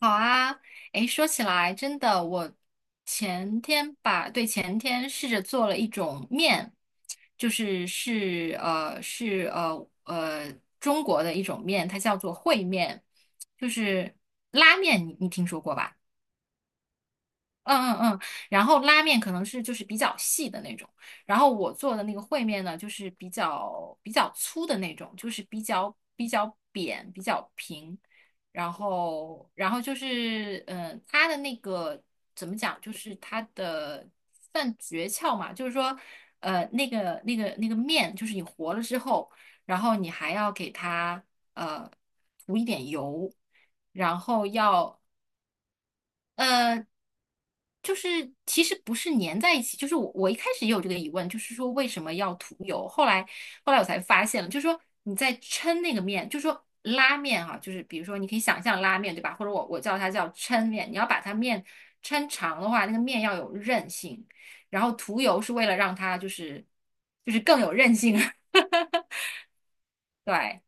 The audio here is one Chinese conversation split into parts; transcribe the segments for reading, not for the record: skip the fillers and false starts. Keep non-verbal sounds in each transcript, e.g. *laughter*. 好啊，诶，说起来真的，我前天吧，对，前天试着做了一种面，就是中国的一种面，它叫做烩面，就是拉面，你听说过吧？嗯嗯嗯，然后拉面可能是就是比较细的那种，然后我做的那个烩面呢，就是比较粗的那种，就是比较扁、比较平，然后就是嗯，它的那个怎么讲，就是它的算诀窍嘛，就是说那个面，就是你和了之后，然后你还要给它呃涂一点油。然后要呃，就是其实不是粘在一起，就是我一开始也有这个疑问，就是说为什么要涂油？后来后来我才发现了，就是说你在抻那个面，就是说拉面哈、就是比如说你可以想象拉面对吧？或者我叫它叫抻面，你要把它面抻长的话，那个面要有韧性，然后涂油是为了让它就是更有韧性。*laughs* 对。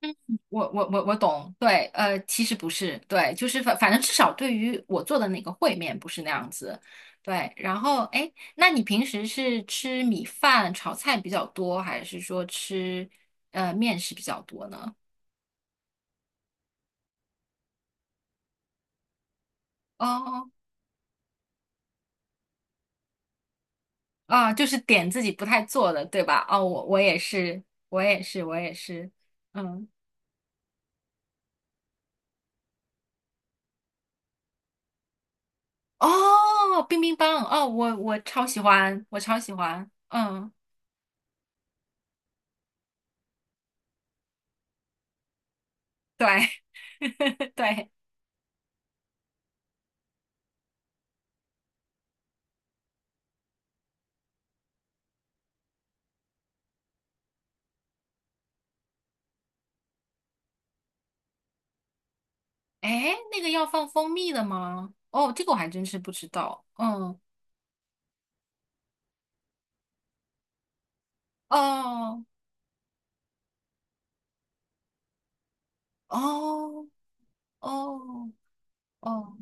嗯，我懂，对，其实不是，对，就是反正至少对于我做的那个烩面不是那样子，对。然后，哎，那你平时是吃米饭炒菜比较多，还是说吃面食比较多呢？哦啊，就是点自己不太做的，对吧？哦，我也是，我也是，我也是，嗯，哦，冰冰棒，哦，我超喜欢，我超喜欢，嗯，对，*laughs* 对。哎，那个要放蜂蜜的吗？哦，这个我还真是不知道。嗯，哦，哦，哦，哦，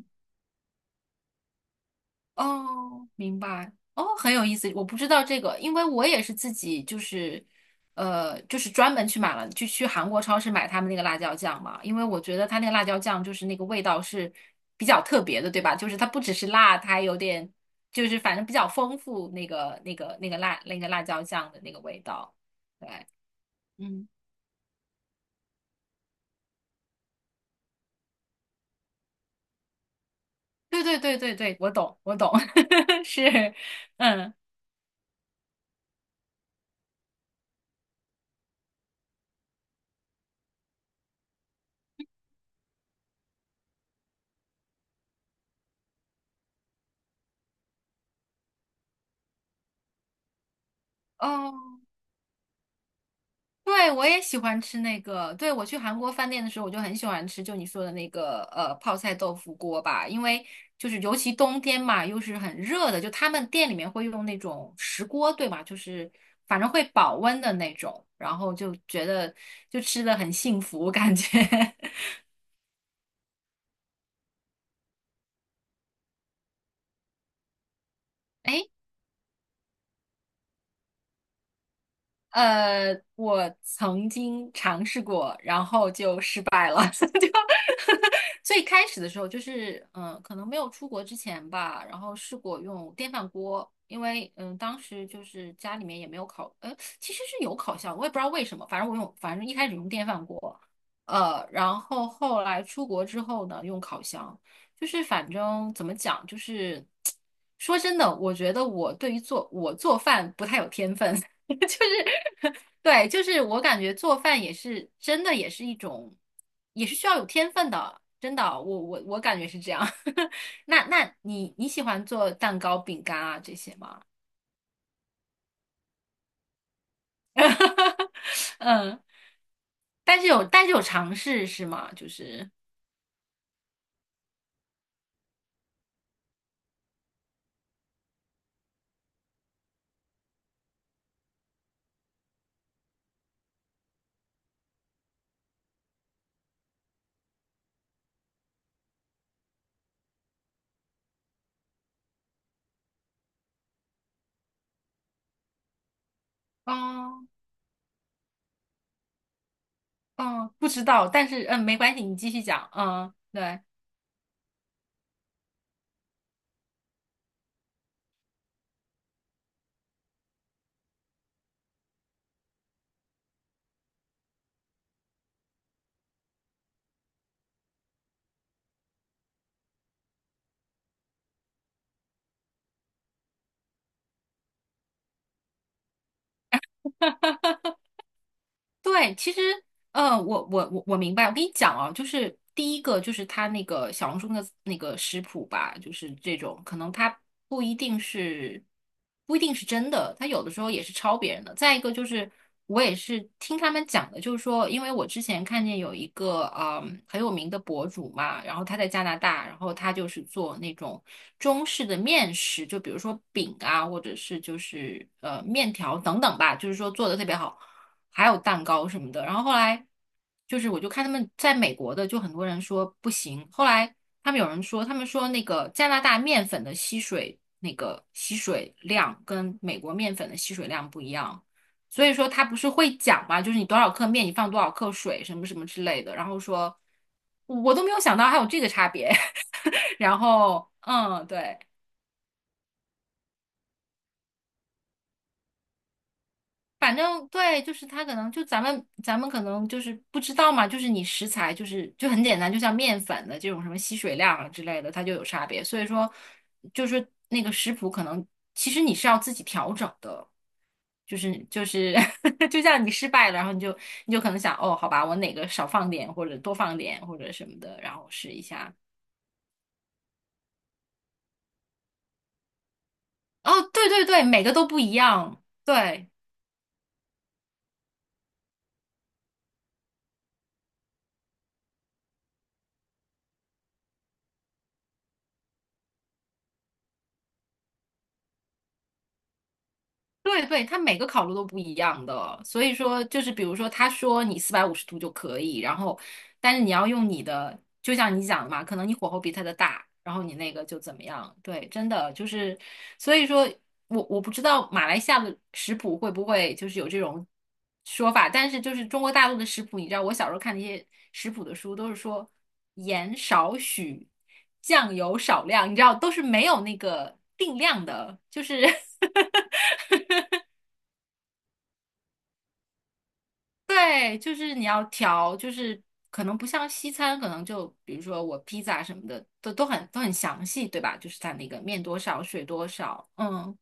哦，明白。哦，很有意思。我不知道这个，因为我也是自己就是，就是专门去买了，就去韩国超市买他们那个辣椒酱嘛。因为我觉得它那个辣椒酱就是那个味道是比较特别的，对吧？就是它不只是辣，它还有点就是反正比较丰富那个辣那个辣椒酱的那个味道。对，嗯。对对对对对，我懂，我懂，*laughs* 是，嗯，哦，对，我也喜欢吃那个，对，我去韩国饭店的时候，我就很喜欢吃，就你说的那个泡菜豆腐锅吧，因为就是尤其冬天嘛，又是很热的，就他们店里面会用那种石锅，对吧？就是反正会保温的那种，然后就觉得就吃的很幸福，感觉。*laughs* 哎我曾经尝试过，然后就失败了，*laughs* 就 *laughs* 最开始的时候就是，嗯、可能没有出国之前吧，然后试过用电饭锅，因为嗯，当时就是家里面也没有烤，其实是有烤箱，我也不知道为什么，反正我用，反正一开始用电饭锅，然后后来出国之后呢，用烤箱，就是反正怎么讲，就是 *tsk* 说真的，我觉得我做饭不太有天分。*laughs* 就是 *laughs* 对，就是我感觉做饭也是真的，也是一种，也是需要有天分的，真的，我感觉是这样。*laughs* 那那你喜欢做蛋糕、饼干啊这些吗？*laughs* 嗯，但是有尝试是吗？就是，哦哦，不知道，但是嗯，没关系，你继续讲，嗯，对。对，其实，我明白。我跟你讲啊，就是第一个就是他那个小红书的那个食谱吧，就是这种，可能他不一定是不一定是真的，他有的时候也是抄别人的。再一个就是，我也是听他们讲的，就是说，因为我之前看见有一个嗯很有名的博主嘛，然后他在加拿大，然后他就是做那种中式的面食，就比如说饼啊，或者是就是面条等等吧，就是说做的特别好。还有蛋糕什么的。然后后来就是我就看他们在美国的，就很多人说不行。后来他们有人说，他们说那个加拿大面粉的吸水量跟美国面粉的吸水量不一样，所以说他不是会讲嘛，就是你多少克面你放多少克水什么什么之类的，然后说。我都没有想到还有这个差别，*laughs* 然后嗯，对。反正对，就是它可能就咱们可能就是不知道嘛，就是你食材就是就很简单，就像面粉的这种什么吸水量啊之类的，它就有差别。所以说，就是那个食谱可能其实你是要自己调整的，就是 *laughs* 就像你失败了，然后你就可能想哦，好吧，我哪个少放点或者多放点或者什么的，然后试一下。哦，对对对，每个都不一样，对。对对，它每个烤炉都不一样的，所以说就是比如说，他说你四百五十度就可以，然后但是你要用你的，就像你讲的嘛，可能你火候比他的大，然后你那个就怎么样？对，真的就是，所以说我不知道马来西亚的食谱会不会就是有这种说法，但是就是中国大陆的食谱，你知道我小时候看那些食谱的书都是说盐少许，酱油少量，你知道都是没有那个定量的，就是 *laughs* 对，就是你要调，就是可能不像西餐，可能就比如说我披萨什么的，都很详细，对吧？就是它那个面多少，水多少，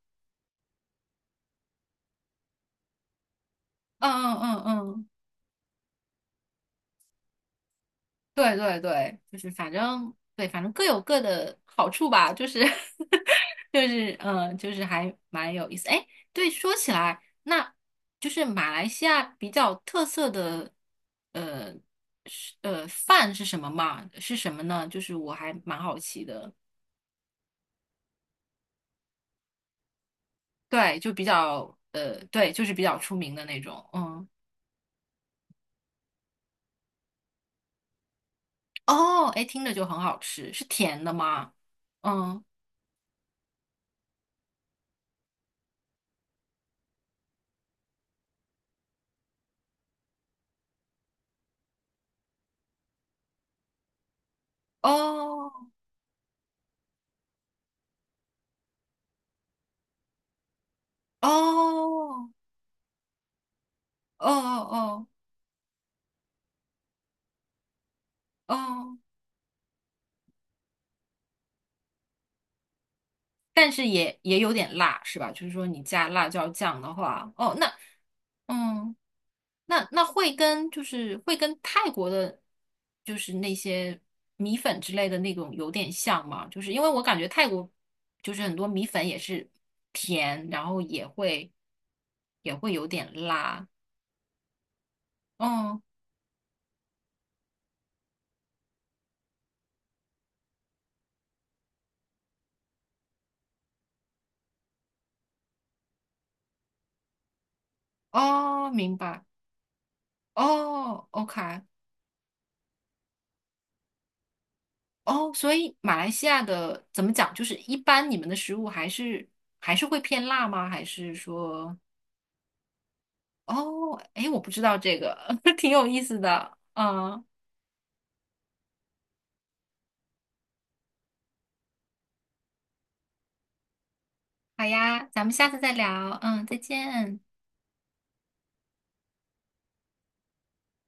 嗯嗯嗯，对对对，就是反正对，反正各有各的好处吧，就是 *laughs* 就是嗯，就是还蛮有意思。哎，对，说起来，那就是马来西亚比较特色的呃饭是什么嘛？是什么呢？就是我还蛮好奇的。对，就比较对，就是比较出名的那种。嗯，哦，哎，听着就很好吃，是甜的吗？嗯，哦，哦，哦哦哦哦，但是也有点辣，是吧？就是说你加辣椒酱的话，哦，那嗯。那那会跟就是会跟泰国的，就是那些米粉之类的那种有点像吗？就是因为我感觉泰国就是很多米粉也是甜，然后也会有点辣。哦哦，明白。哦，OK，哦，所以马来西亚的怎么讲？就是一般你们的食物还是会偏辣吗？还是说，哦，诶，我不知道这个，*laughs* 挺有意思的。嗯。好呀，咱们下次再聊。嗯，再见。